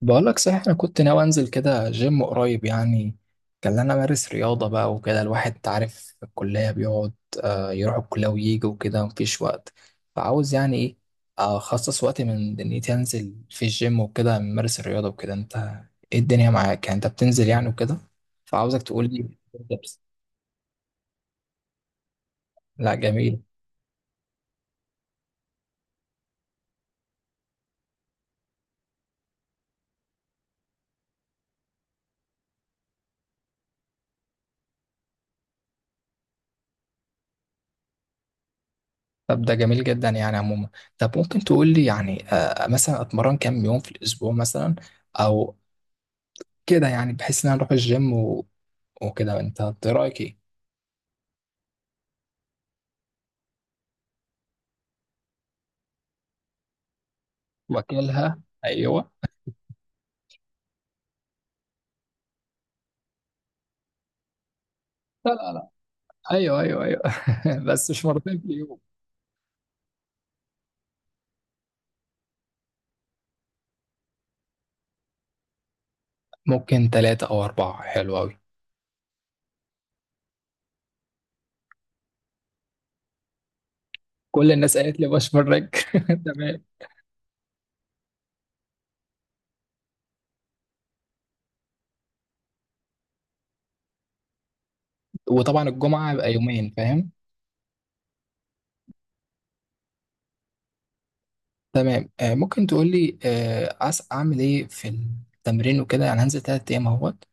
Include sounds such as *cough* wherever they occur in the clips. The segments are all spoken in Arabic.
بقولك صحيح أنا كنت ناوي أنزل كده جيم قريب يعني كان أنا أمارس رياضة بقى وكده الواحد أنت عارف في الكلية بيقعد آه، يروح الكلية ويجي وكده مفيش وقت. فعاوز يعني إيه؟ أخصص وقت من دنيتي أنزل في الجيم وكده أمارس الرياضة وكده. أنت إيه الدنيا معاك؟ يعني أنت بتنزل يعني وكده؟ فعاوزك تقول لي. لا، جميل. طب ده جميل جدا يعني عموما. طب ممكن تقول لي يعني مثلا أتمرن كام يوم في الأسبوع مثلا؟ او كده، يعني بحيث ان انا اروح الجيم وكده إنت رايك ايه؟ واكلها، ايوه. لا لا لا. ايوه ايوه ايوه. *laughs* بس مش مرتين في اليوم. ممكن ثلاثة او اربعة، حلو قوي. كل الناس قالت لي بشمرك. *laughs* تمام. وطبعا الجمعة يبقى يومين، فاهم. تمام. آه، ممكن تقول لي، آه، عس اعمل ايه في التمرين وكده؟ يعني هنزل ثلاث ايام اهوت.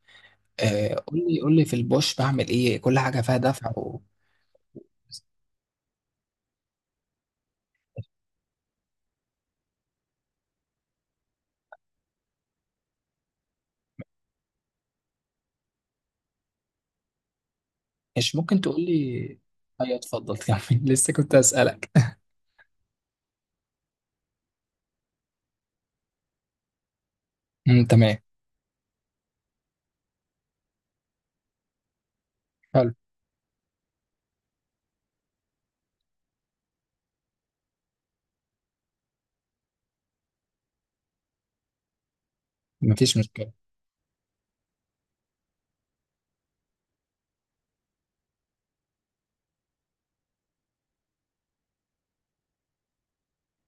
آه، قول لي قول لي، في البوش بعمل ايه؟ كل حاجة فيها دفع مش ممكن تقول لي. ايوه، اتفضل كمل. *laughs* لسه كنت اسالك. امم، تمام. حلو. مفيش مشكلة.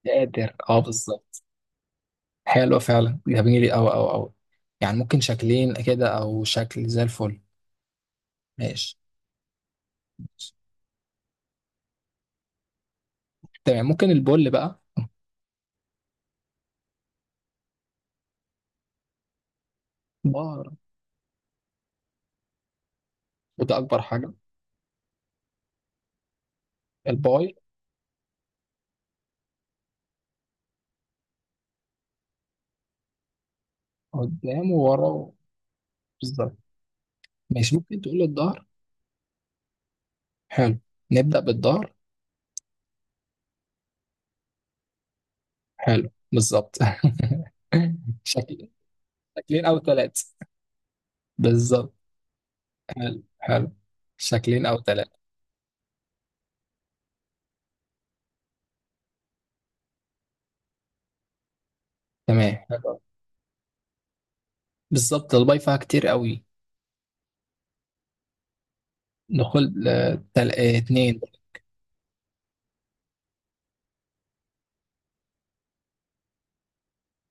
قادر، اه بالظبط. حلو فعلا، جميل أوي أوي أوي. يعني ممكن شكلين كده أو شكل، زي الفل. ماشي. ماشي. تمام، ممكن البول بقى. ظهر. وده أكبر حاجة. الباي. قدام وورا. بالظبط. ماشي، ممكن تقول الظهر. حلو. نبدأ بالظهر. حلو، بالظبط. *laughs* شكل. شكلين أو ثلاثة. بالظبط. حلو، حلو. شكلين أو ثلاثة. تمام، حلو. بالظبط، الباي فيها كتير قوي. دخول، آه، تل... آه، اتنين.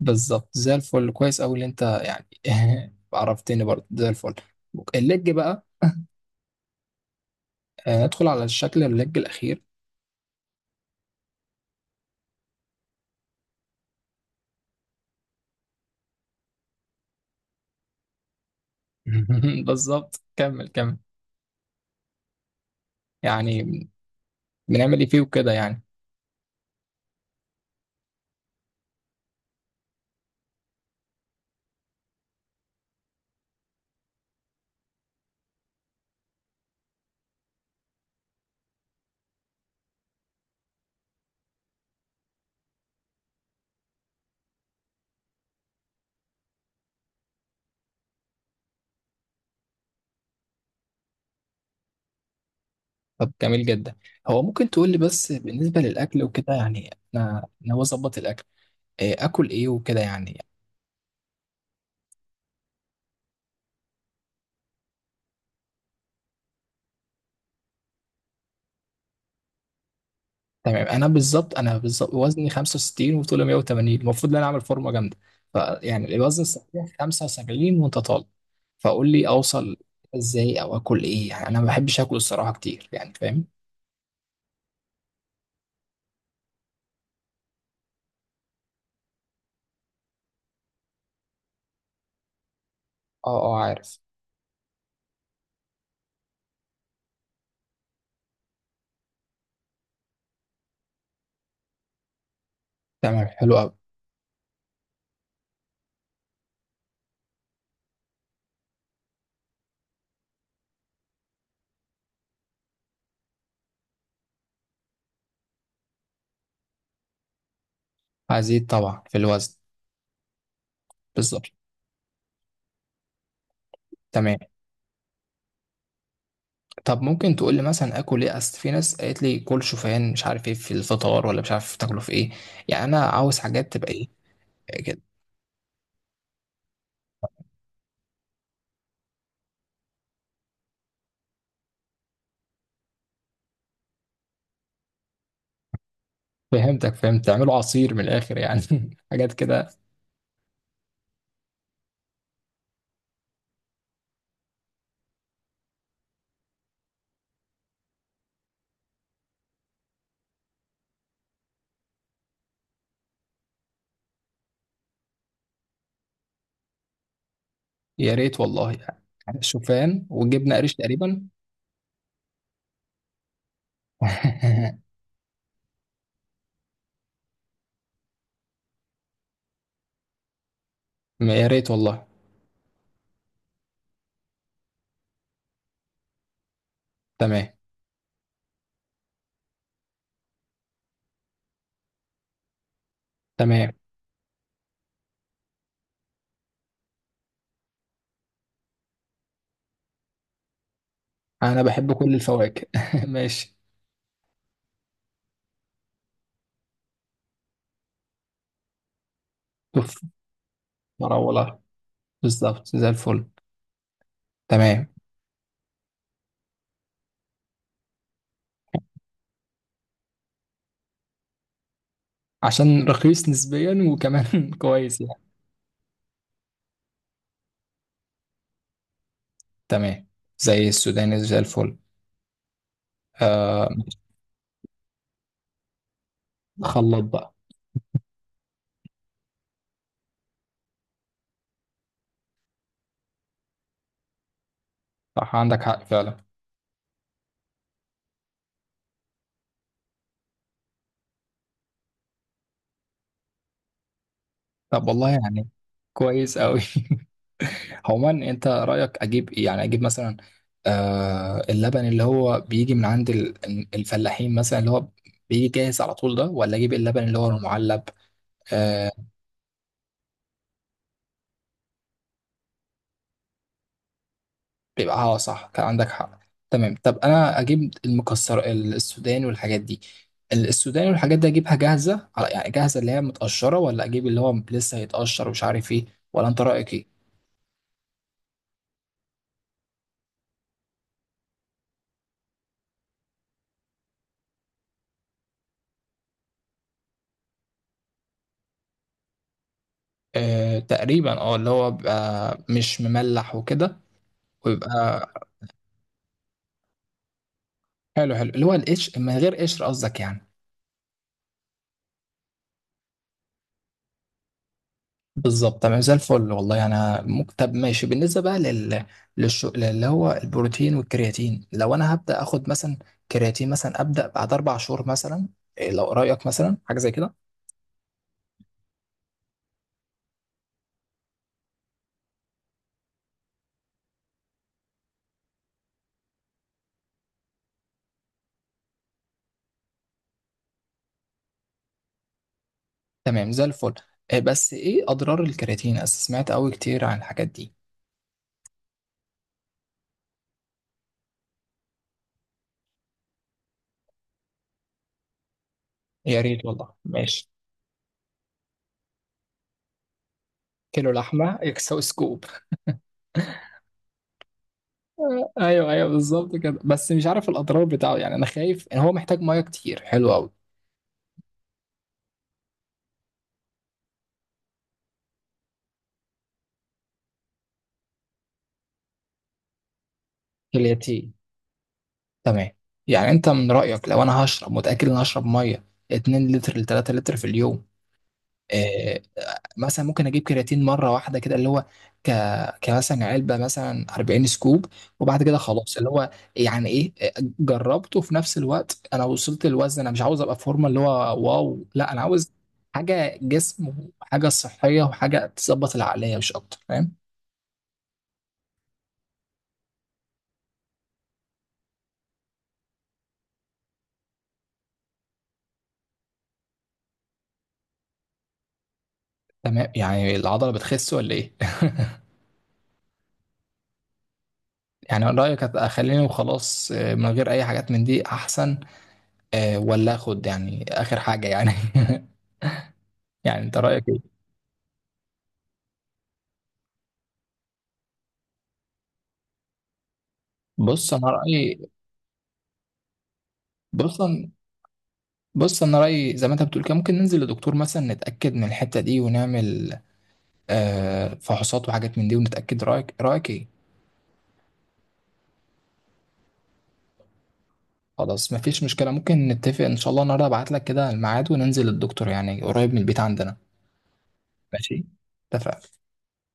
بالظبط، زي الفل. كويس أوي اللي أنت يعني. *laughs* عرفتني برضه زي الفل. الليج بقى. ندخل على الشكل الليج الأخير. *laughs* بالظبط، كمل كمل. يعني بنعمل إيه فيه وكده يعني؟ طب جميل جدا. هو ممكن تقول لي بس بالنسبة للأكل وكده؟ يعني أنا هو أظبط الأكل، آكل إيه وكده يعني؟ تمام. انا بالظبط وزني 65 وطولي 180، المفروض ان انا اعمل فورمه جامده. فيعني الوزن الصحيح 75 وانت طالب. فقول لي اوصل ازاي، او اكل ايه يعني؟ انا ما بحبش اكل الصراحه كتير يعني، فاهم. اه اه، عارف. تمام، حلو قوي. هزيد طبعا في الوزن. بالظبط. تمام. طب ممكن تقول لي مثلا اكل ايه؟ اصل في ناس قالت لي كل شوفان، مش عارف ايه في الفطار، ولا مش عارف تاكله في ايه. يعني انا عاوز حاجات تبقى ايه كده؟ فهمتك، فهمت، تعملوا عصير من الاخر يعني. *laughs* حاجات كده. يا ريت والله. يعني شوفان وجبنة قريش تقريبا. *laughs* يا ريت والله. تمام. تمام. انا بحب كل الفواكه. *laughs* ماشي. شوف. مراولة. بالظبط، زي الفل. تمام. عشان رخيص نسبيا وكمان *laughs* كويس يعني. تمام. زي السوداني، زي الفل. آه. خلط بقى. صح، عندك حق فعلا. طب والله يعني. كويس قوي. *laughs* عموما انت رايك اجيب ايه؟ يعني اجيب مثلا، آه، اللبن اللي هو بيجي من عند الفلاحين مثلا، اللي هو بيجي جاهز على طول ده، ولا اجيب اللبن اللي هو المعلب؟ آه. بيبقى اه، صح، كان عندك حق. تمام. طب انا اجيب المكسر السوداني والحاجات دي، السوداني والحاجات دي، اجيبها جاهزه على يعني جاهزه اللي هي متقشره، ولا اجيب اللي هو لسه هيتقشر ومش عارف ايه؟ ولا انت رايك ايه؟ آه تقريبا، اه، اللي هو بيبقى مش مملح وكده. ويبقى حلو حلو اللي هو القشر من غير قشر قصدك يعني. بالظبط، تمام، زي الفل والله. انا طب ماشي. بالنسبه بقى لل اللي هو البروتين والكرياتين، لو انا هبدا اخد مثلا كرياتين مثلا، ابدا بعد اربع شهور مثلا إيه؟ لو رايك مثلا حاجه زي كده. تمام، زي الفل. إيه بس ايه اضرار الكرياتين؟ أنا سمعت قوي كتير عن الحاجات دي. يا ريت والله، ماشي. كيلو لحمه يكسو سكوب. *laughs* ايوه ايوه، بالظبط كده. بس مش عارف الاضرار بتاعه يعني. انا خايف ان هو محتاج ميه كتير. حلو قوي. كرياتين. تمام. يعني انت من رأيك لو انا هشرب، متأكد ان انا هشرب ميه 2 لتر ل 3 لتر في اليوم؟ آه. مثلا ممكن اجيب كرياتين مره واحده كده، اللي هو ك كمثلا علبه مثلا 40 سكوب، وبعد كده خلاص اللي هو يعني ايه، جربته؟ في نفس الوقت انا وصلت الوزن، انا مش عاوز ابقى في فورمه اللي هو واو، لا، انا عاوز حاجه جسم وحاجه صحيه وحاجه تظبط العقليه، مش اكتر، فاهم. تمام. يعني العضله بتخس ولا ايه؟ *laughs* يعني من رأيك اخليني وخلاص من غير اي حاجات من دي احسن، ولا اخد يعني اخر حاجه يعني؟ *laughs* يعني انت رايك ايه؟ بص انا رايي. بص أنا- بص انا رايي، زي ما انت بتقول كده، ممكن ننزل لدكتور مثلا نتاكد من الحته دي ونعمل فحوصات وحاجات من دي ونتاكد. رايك، رايك ايه؟ خلاص، مفيش مشكله. ممكن نتفق ان شاء الله النهارده ابعت لك كده الميعاد وننزل للدكتور يعني قريب من البيت عندنا. ماشي. اتفقنا.